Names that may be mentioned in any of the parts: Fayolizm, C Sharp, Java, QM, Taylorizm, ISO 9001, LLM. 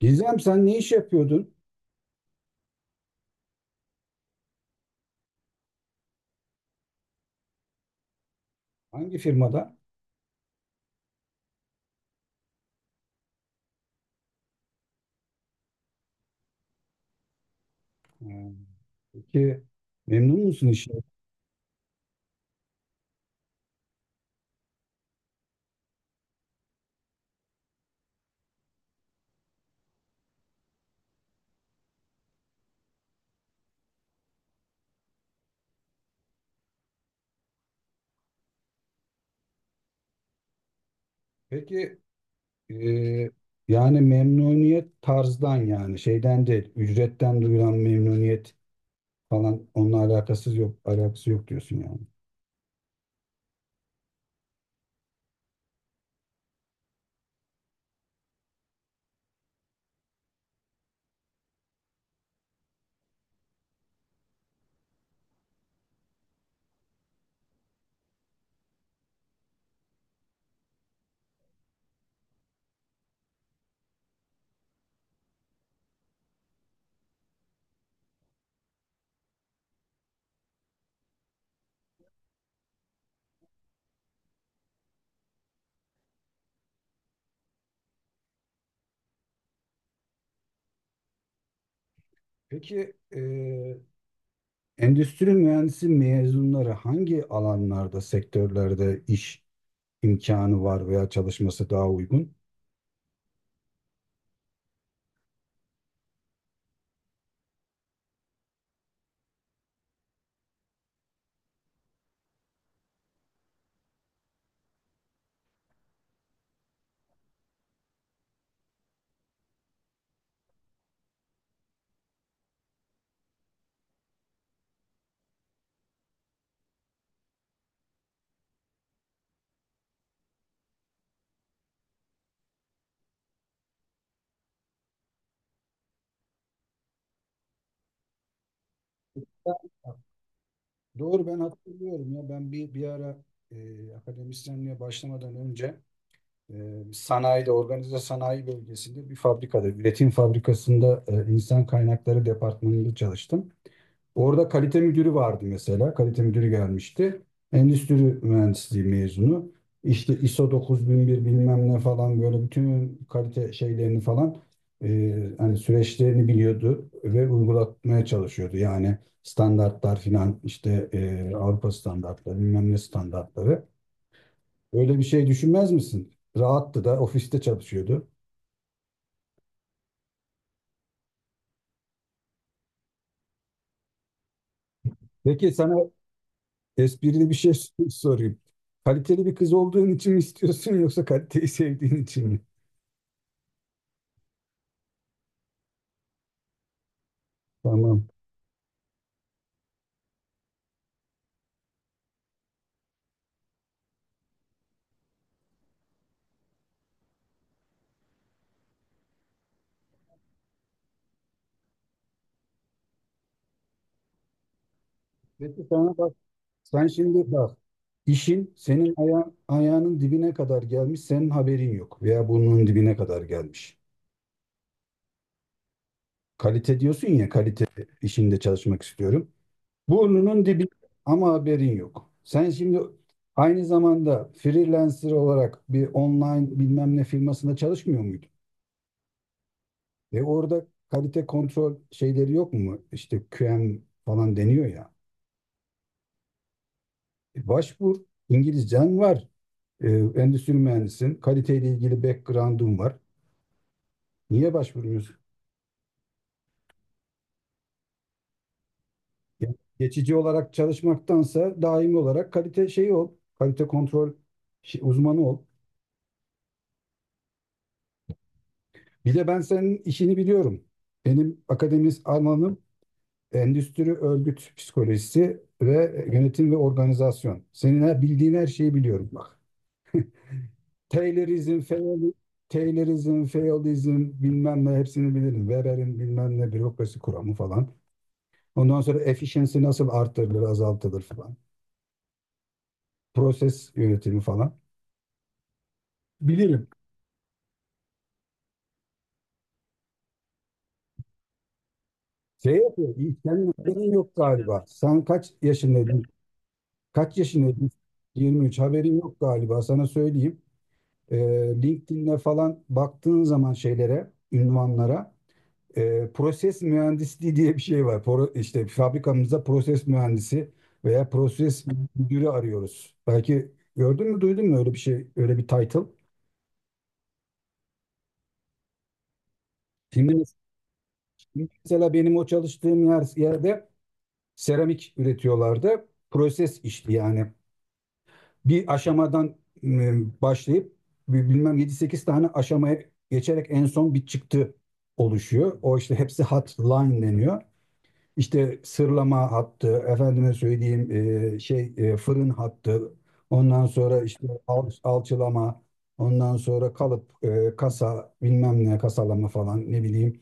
Gizem, sen ne iş yapıyordun? Hangi firmada? Ha, peki memnun musun işten? Peki e, yani memnuniyet tarzdan yani şeyden değil, ücretten duyulan memnuniyet falan onunla alakasız yok, alakası yok diyorsun yani. Peki endüstri mühendisi mezunları hangi alanlarda, sektörlerde iş imkanı var veya çalışması daha uygun? Doğru, ben hatırlıyorum ya, ben bir ara akademisyenliğe başlamadan önce e, sanayide, organize sanayi bölgesinde bir fabrikada, üretim fabrikasında insan kaynakları departmanında çalıştım. Orada kalite müdürü vardı mesela. Kalite müdürü gelmişti. Endüstri mühendisliği mezunu. İşte ISO 9001 bilmem ne falan, böyle bütün kalite şeylerini falan hani süreçlerini biliyordu ve uygulatmaya çalışıyordu. Yani standartlar filan işte, Avrupa standartları bilmem ne standartları. Öyle bir şey düşünmez misin? Rahattı da, ofiste çalışıyordu. Peki sana esprili bir şey sorayım. Kaliteli bir kız olduğun için mi istiyorsun, yoksa kaliteyi sevdiğin için mi? Tamam. Peki sana bak, sen şimdi bak, işin senin ayağının dibine kadar gelmiş, senin haberin yok, veya burnunun dibine kadar gelmiş. Kalite diyorsun ya, kalite işinde çalışmak istiyorum. Burnunun dibi ama haberin yok. Sen şimdi aynı zamanda freelancer olarak bir online bilmem ne firmasında çalışmıyor muydun? E orada kalite kontrol şeyleri yok mu? İşte QM falan deniyor ya. E başvur, İngilizcen var. Ee, endüstri mühendisin. Kaliteyle ilgili backgroundum var. Niye başvurmuyorsun? Ya, geçici olarak çalışmaktansa daimi olarak kalite şeyi ol. Kalite kontrol uzmanı ol. Bir de ben senin işini biliyorum. Benim akademis alanım endüstri örgüt psikolojisi ve yönetim ve organizasyon. Senin bildiğin her şeyi biliyorum bak. Taylorizm, Fayol- Taylorizm, Fayolizm bilmem ne hepsini bilirim. Weber'in bilmem ne bürokrasi kuramı falan. Ondan sonra efficiency nasıl arttırılır, azaltılır falan. Proses yönetimi falan. Bilirim. Şey yapıyor. Senin haberin yok galiba. Sen kaç yaşındaydın? Kaç yaşındaydın? 23. Haberin yok galiba. Sana söyleyeyim. Ee, LinkedIn'e falan baktığın zaman şeylere, ünvanlara, proses mühendisliği diye bir şey var. İşte fabrikamızda proses mühendisi veya proses müdürü arıyoruz. Belki gördün mü, duydun mu öyle bir şey, öyle bir title? Şimdi mesela benim o çalıştığım yerde seramik üretiyorlardı. Proses işti yani. Bir aşamadan başlayıp bilmem yedi sekiz tane aşamaya geçerek en son bir çıktı oluşuyor. O işte hepsi hat line deniyor. İşte sırlama hattı, efendime söyleyeyim fırın hattı, ondan sonra işte alçılama, ondan sonra kalıp, kasa bilmem ne, kasalama falan, ne bileyim.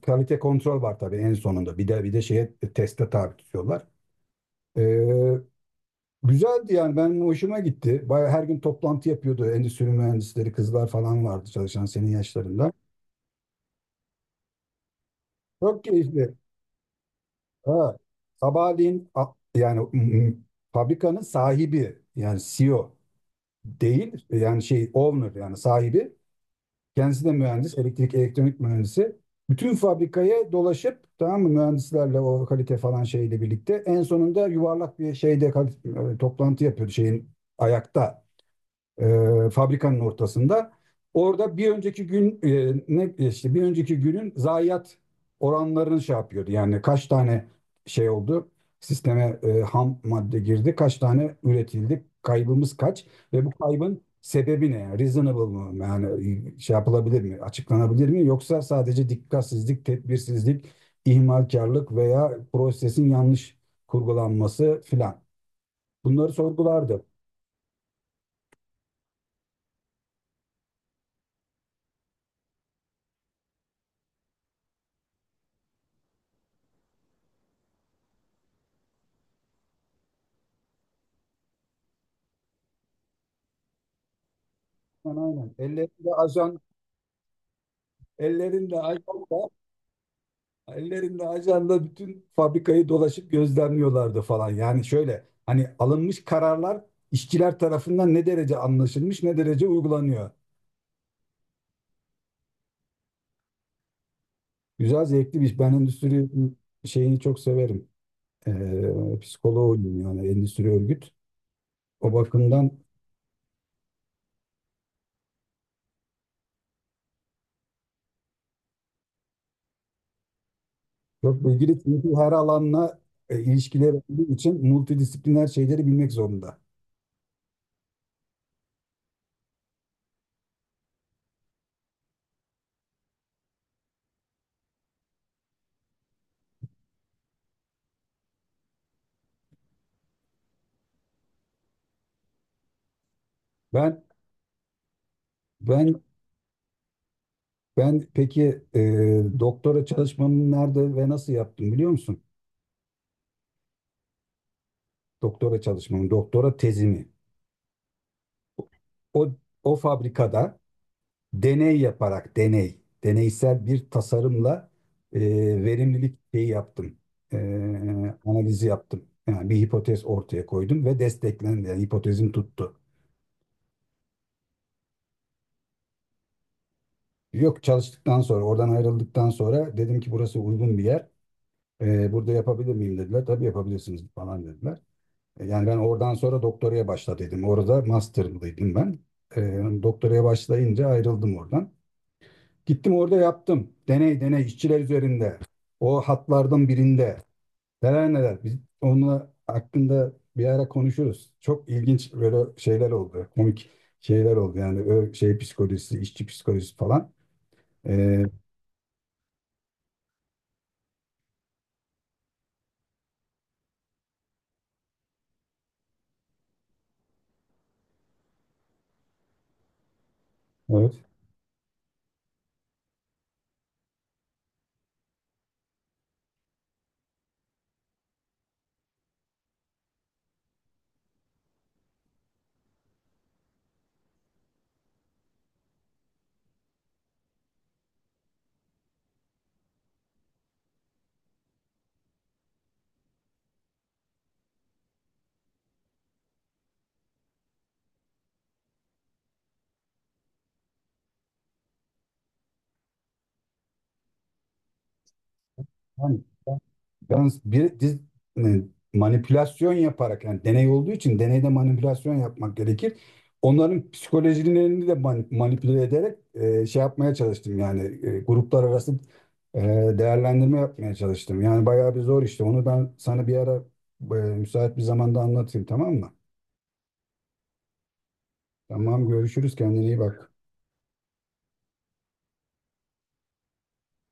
Kalite kontrol var tabii en sonunda. Bir de şeye, teste tabi tutuyorlar. Ee, güzeldi yani, ben hoşuma gitti. Bayağı her gün toplantı yapıyordu. Endüstri mühendisleri kızlar falan vardı çalışan, senin yaşlarında. Çok keyifli. Ha, sabahleyin yani fabrikanın sahibi, yani CEO değil, yani şey, owner, yani sahibi. Kendisi de mühendis, elektrik elektronik mühendisi. Bütün fabrikaya dolaşıp, tamam mı, mühendislerle, o kalite falan şeyle birlikte, en sonunda yuvarlak bir şeyde, toplantı yapıyordu şeyin, ayakta, fabrikanın ortasında. Orada bir önceki gün, e, ne işte bir önceki günün zayiat oranlarını şey yapıyordu. Yani kaç tane şey oldu? Sisteme ham madde girdi, kaç tane üretildi, kaybımız kaç ve bu kaybın sebebi ne? Yani reasonable mı? Yani şey yapılabilir mi? Açıklanabilir mi? Yoksa sadece dikkatsizlik, tedbirsizlik, ihmalkarlık veya prosesin yanlış kurgulanması filan. Bunları sorgulardı. Aynen aynen. Ellerinde ellerinde ajanda, bütün fabrikayı dolaşıp gözlemliyorlardı falan. Yani şöyle, hani alınmış kararlar işçiler tarafından ne derece anlaşılmış, ne derece uygulanıyor. Güzel, zevkli bir iş. Ben endüstri şeyini çok severim. Psikoloğuyum yani, endüstri örgüt. O bakımdan çok ilgili, çünkü her alanla ilişkileri olduğu için multidisipliner şeyleri bilmek zorunda. Ben ben Ben peki doktora çalışmamı nerede ve nasıl yaptım biliyor musun? Doktora çalışmamı, doktora tezimi. O, o fabrikada deney yaparak, deneysel bir tasarımla e, verimlilik şeyi yaptım. E, analizi yaptım. Yani bir hipotez ortaya koydum ve desteklendi. Yani hipotezim tuttu. Yok, çalıştıktan sonra, oradan ayrıldıktan sonra dedim ki burası uygun bir yer. E, burada yapabilir miyim, dediler. Tabii yapabilirsiniz falan dediler. Yani ben oradan sonra doktoraya başladıydım. Orada master'daydım ben. E, doktoraya başlayınca ayrıldım oradan. Gittim orada yaptım. Deney işçiler üzerinde. O hatlardan birinde. Neler neler. Biz onunla hakkında bir ara konuşuruz. Çok ilginç böyle şeyler oldu. Komik şeyler oldu. Yani şey psikolojisi, işçi psikolojisi falan. E, evet. Yani yalnız e, manipülasyon yaparak, yani deney olduğu için deneyde manipülasyon yapmak gerekir. Onların psikolojilerini de manipüle ederek şey yapmaya çalıştım yani, gruplar arası e, değerlendirme yapmaya çalıştım. Yani bayağı bir zor işte. Onu ben sana bir ara müsait bir zamanda anlatayım, tamam mı? Tamam, görüşürüz, kendine iyi bak.